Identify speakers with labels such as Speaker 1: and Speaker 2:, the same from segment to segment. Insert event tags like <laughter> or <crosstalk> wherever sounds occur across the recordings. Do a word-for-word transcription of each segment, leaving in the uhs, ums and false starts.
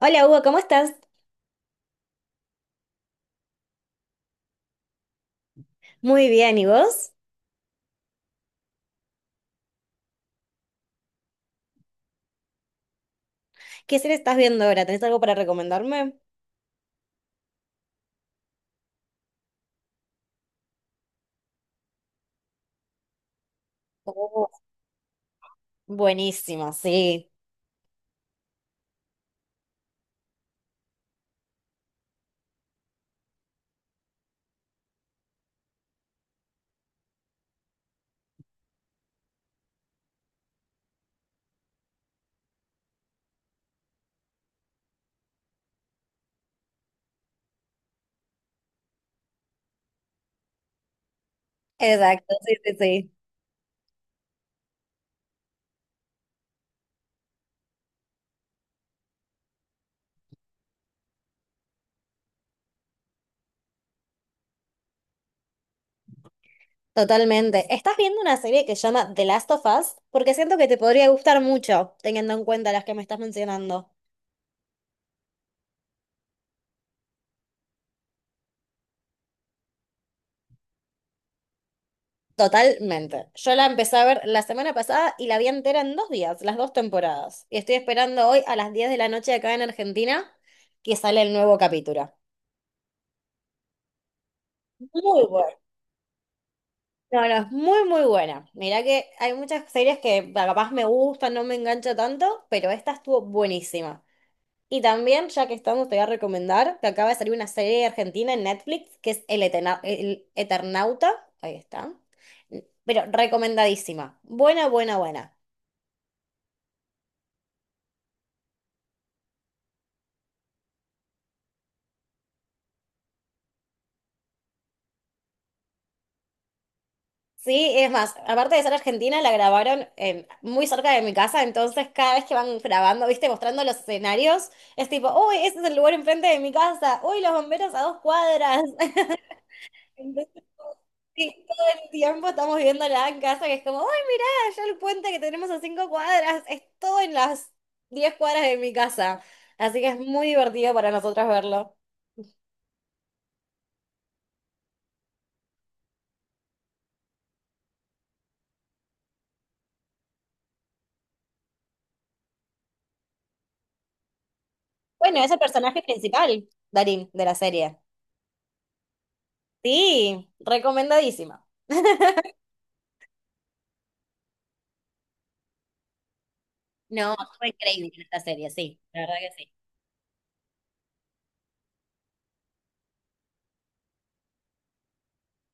Speaker 1: Hola Hugo, ¿cómo estás? Muy bien, ¿y vos? ¿Qué serie estás viendo ahora? ¿Tenés algo para recomendarme? Oh, buenísimo, sí. Exacto, sí, sí, sí. Totalmente. Estás viendo una serie que se llama The Last of Us porque siento que te podría gustar mucho, teniendo en cuenta las que me estás mencionando. Totalmente. Yo la empecé a ver la semana pasada y la vi entera en dos días, las dos temporadas. Y estoy esperando hoy a las diez de la noche acá en Argentina que sale el nuevo capítulo. Muy bueno. No, no, es muy, muy buena. Mirá que hay muchas series que capaz me gustan, no me engancha tanto, pero esta estuvo buenísima. Y también, ya que estamos, te voy a recomendar que acaba de salir una serie argentina en Netflix que es El, Etena- El Eternauta. Ahí está. Pero recomendadísima. Buena, buena, buena. Sí, es más, aparte de ser argentina, la grabaron en- muy cerca de mi casa, entonces cada vez que van grabando, viste, mostrando los escenarios, es tipo, uy, ese es el lugar enfrente de mi casa, uy, los bomberos a dos cuadras. Entonces, sí, todo el tiempo estamos viéndola en casa, que es como, ¡ay, mirá! Allá el puente que tenemos a cinco cuadras, es todo en las diez cuadras de mi casa. Así que es muy divertido para nosotras verlo. Bueno, es el personaje principal, Darín, de la serie. Sí, recomendadísima. <laughs> No, fue increíble esta serie, sí, la verdad que sí.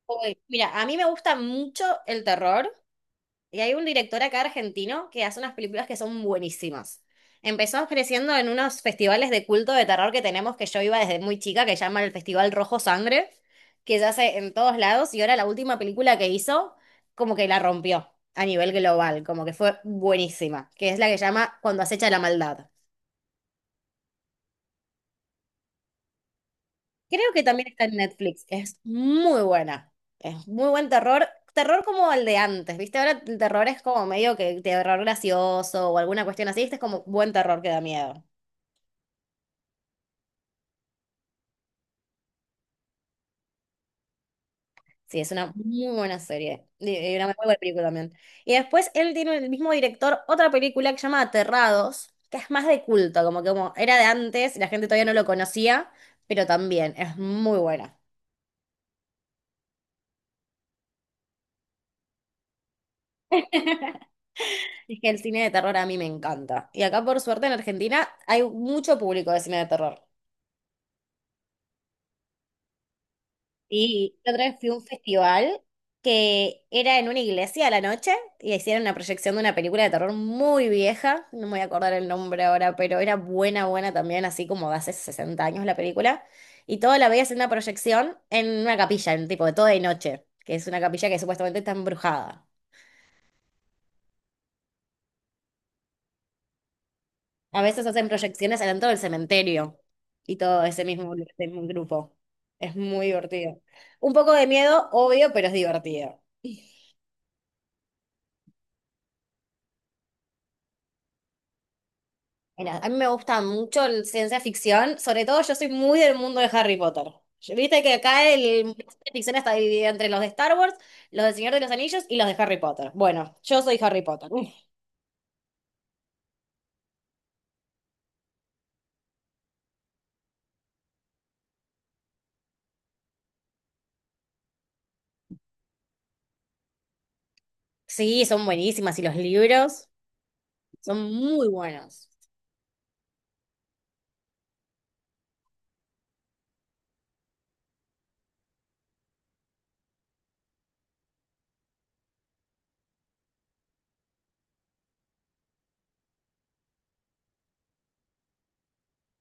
Speaker 1: Uy, mira, a mí me gusta mucho el terror. Y hay un director acá argentino que hace unas películas que son buenísimas. Empezó ofreciendo en unos festivales de culto de terror que tenemos, que yo iba desde muy chica, que se llama el Festival Rojo Sangre, que se hace en todos lados, y ahora la última película que hizo, como que la rompió a nivel global, como que fue buenísima, que es la que se llama Cuando acecha la maldad. Creo que también está en Netflix. Es muy buena. Es muy buen terror. Terror como el de antes, ¿viste? Ahora el terror es como medio que terror gracioso o alguna cuestión así. Este es como buen terror que da miedo. Sí, es una muy buena serie. Y y una muy buena película también. Y después él tiene el mismo director otra película que se llama Aterrados, que es más de culto, como que como era de antes, la gente todavía no lo conocía, pero también es muy buena. Es que el cine de terror a mí me encanta. Y acá, por suerte, en Argentina hay mucho público de cine de terror. Y la otra vez fui a un festival que era en una iglesia a la noche y hicieron una proyección de una película de terror muy vieja, no me voy a acordar el nombre ahora, pero era buena, buena también, así como de hace sesenta años la película. Y todo la veías en una proyección en una capilla, en tipo de toda de noche, que es una capilla que supuestamente está embrujada. A veces hacen proyecciones adentro del cementerio y todo ese mismo, ese mismo grupo. Es muy divertido. Un poco de miedo, obvio, pero es divertido. Mira, a mí me gusta mucho el ciencia ficción, sobre todo yo soy muy del mundo de Harry Potter. Yo- Viste que acá el mundo ciencia ficción está dividido entre los de Star Wars, los del Señor de los Anillos y los de Harry Potter. Bueno, yo soy Harry Potter. Uf. Sí, son buenísimas y los libros son muy buenos.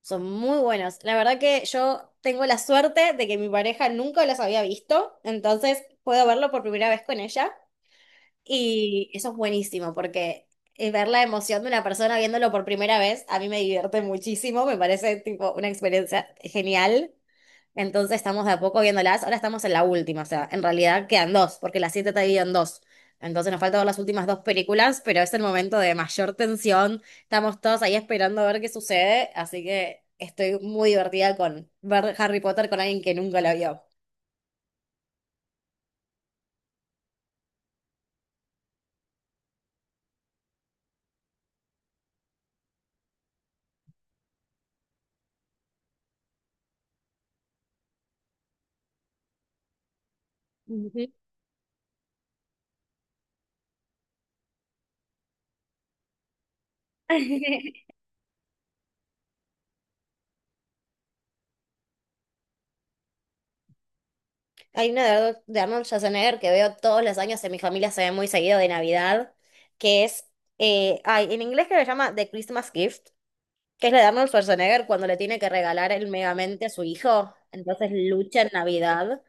Speaker 1: Son muy buenos. La verdad que yo tengo la suerte de que mi pareja nunca los había visto, entonces puedo verlo por primera vez con ella. Y eso es buenísimo porque eh, ver la emoción de una persona viéndolo por primera vez, a mí me divierte muchísimo, me parece tipo una experiencia genial. Entonces estamos de a poco viéndolas, ahora estamos en la última, o sea, en realidad quedan dos, porque las siete está dividida en dos. Entonces nos falta ver las últimas dos películas, pero es el momento de mayor tensión, estamos todos ahí esperando a ver qué sucede, así que estoy muy divertida con ver Harry Potter con alguien que nunca la vio. Ujú. <laughs> Hay una de Ardo- de Arnold Schwarzenegger que veo todos los años en mi familia, se ve muy seguido de Navidad, que es, eh, ay, en inglés que se llama The Christmas Gift, que es la de Arnold Schwarzenegger cuando le tiene que regalar el Megamente a su hijo, entonces lucha en Navidad.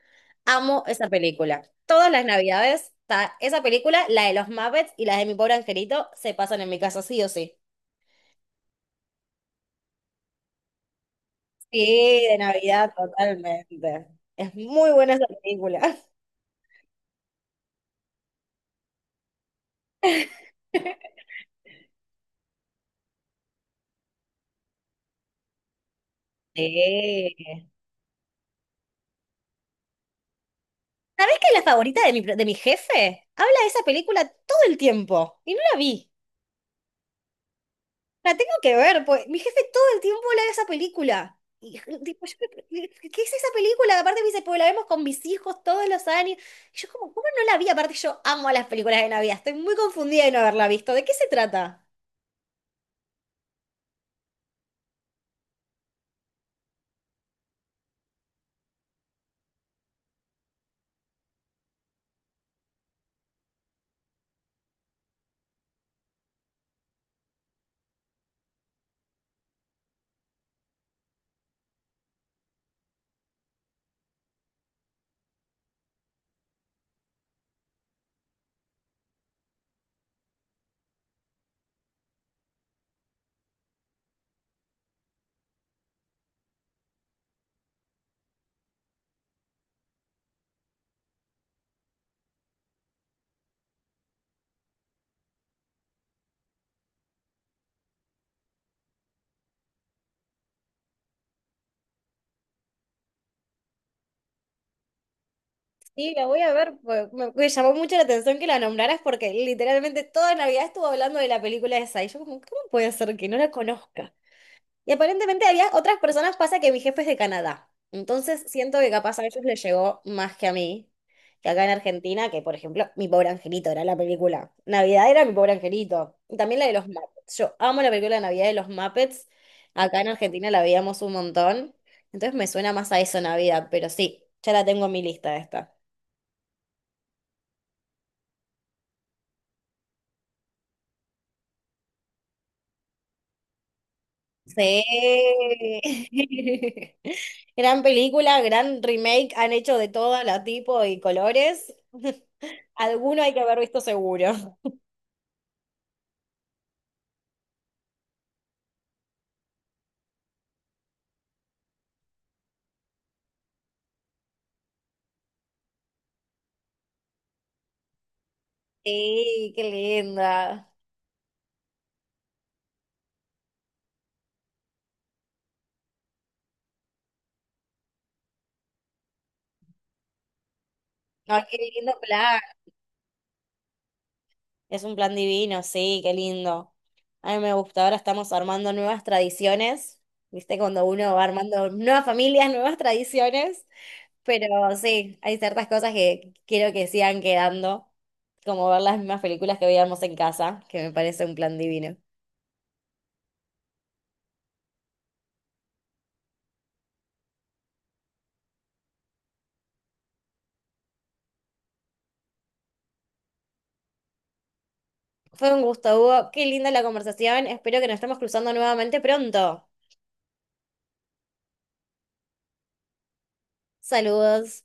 Speaker 1: Amo esa película. Todas las Navidades, está esa película, la de los Muppets y la de Mi Pobre Angelito, se pasan en mi casa sí o sí. Sí, de Navidad totalmente. Es muy buena esa película. <laughs> Sí. ¿Sabés que es la favorita de mi, de mi jefe? Habla de esa película todo el tiempo y no la vi. La tengo que ver, pues mi jefe todo el tiempo habla de esa película. Y, tipo, yo me- ¿qué es esa película? Aparte me dice, pues la vemos con mis hijos todos los años. Y yo como, ¿cómo no la vi? Aparte yo amo las películas de Navidad. Estoy muy confundida de no haberla visto. ¿De qué se trata? Sí, la voy a ver, pues. Me, me llamó mucho la atención que la nombraras porque literalmente toda Navidad estuvo hablando de la película esa. Y yo como, ¿cómo puede ser que no la conozca? Y aparentemente había otras personas, pasa que mi jefe es de Canadá. Entonces siento que capaz a ellos les llegó más que a mí, que acá en Argentina, que por ejemplo, Mi pobre angelito era la película. Navidad era Mi pobre angelito. Y también la de los Muppets. Yo amo la película de Navidad de los Muppets. Acá en Argentina la veíamos un montón. Entonces me suena más a eso Navidad, pero sí, ya la tengo en mi lista esta. Sí. <laughs> Gran película, gran remake, han hecho de todo, la tipo y colores. <laughs> Alguno hay que haber visto seguro. <laughs> Sí, qué linda. Ay, qué lindo plan. Es un plan divino, sí, qué lindo. A mí me gusta. Ahora estamos armando nuevas tradiciones. ¿Viste? Cuando uno va armando nuevas familias, nuevas tradiciones. Pero sí, hay ciertas cosas que quiero que sigan quedando. Como ver las mismas películas que veíamos en casa, que me parece un plan divino. Fue un gusto, Hugo. Qué linda la conversación. Espero que nos estemos cruzando nuevamente pronto. Saludos.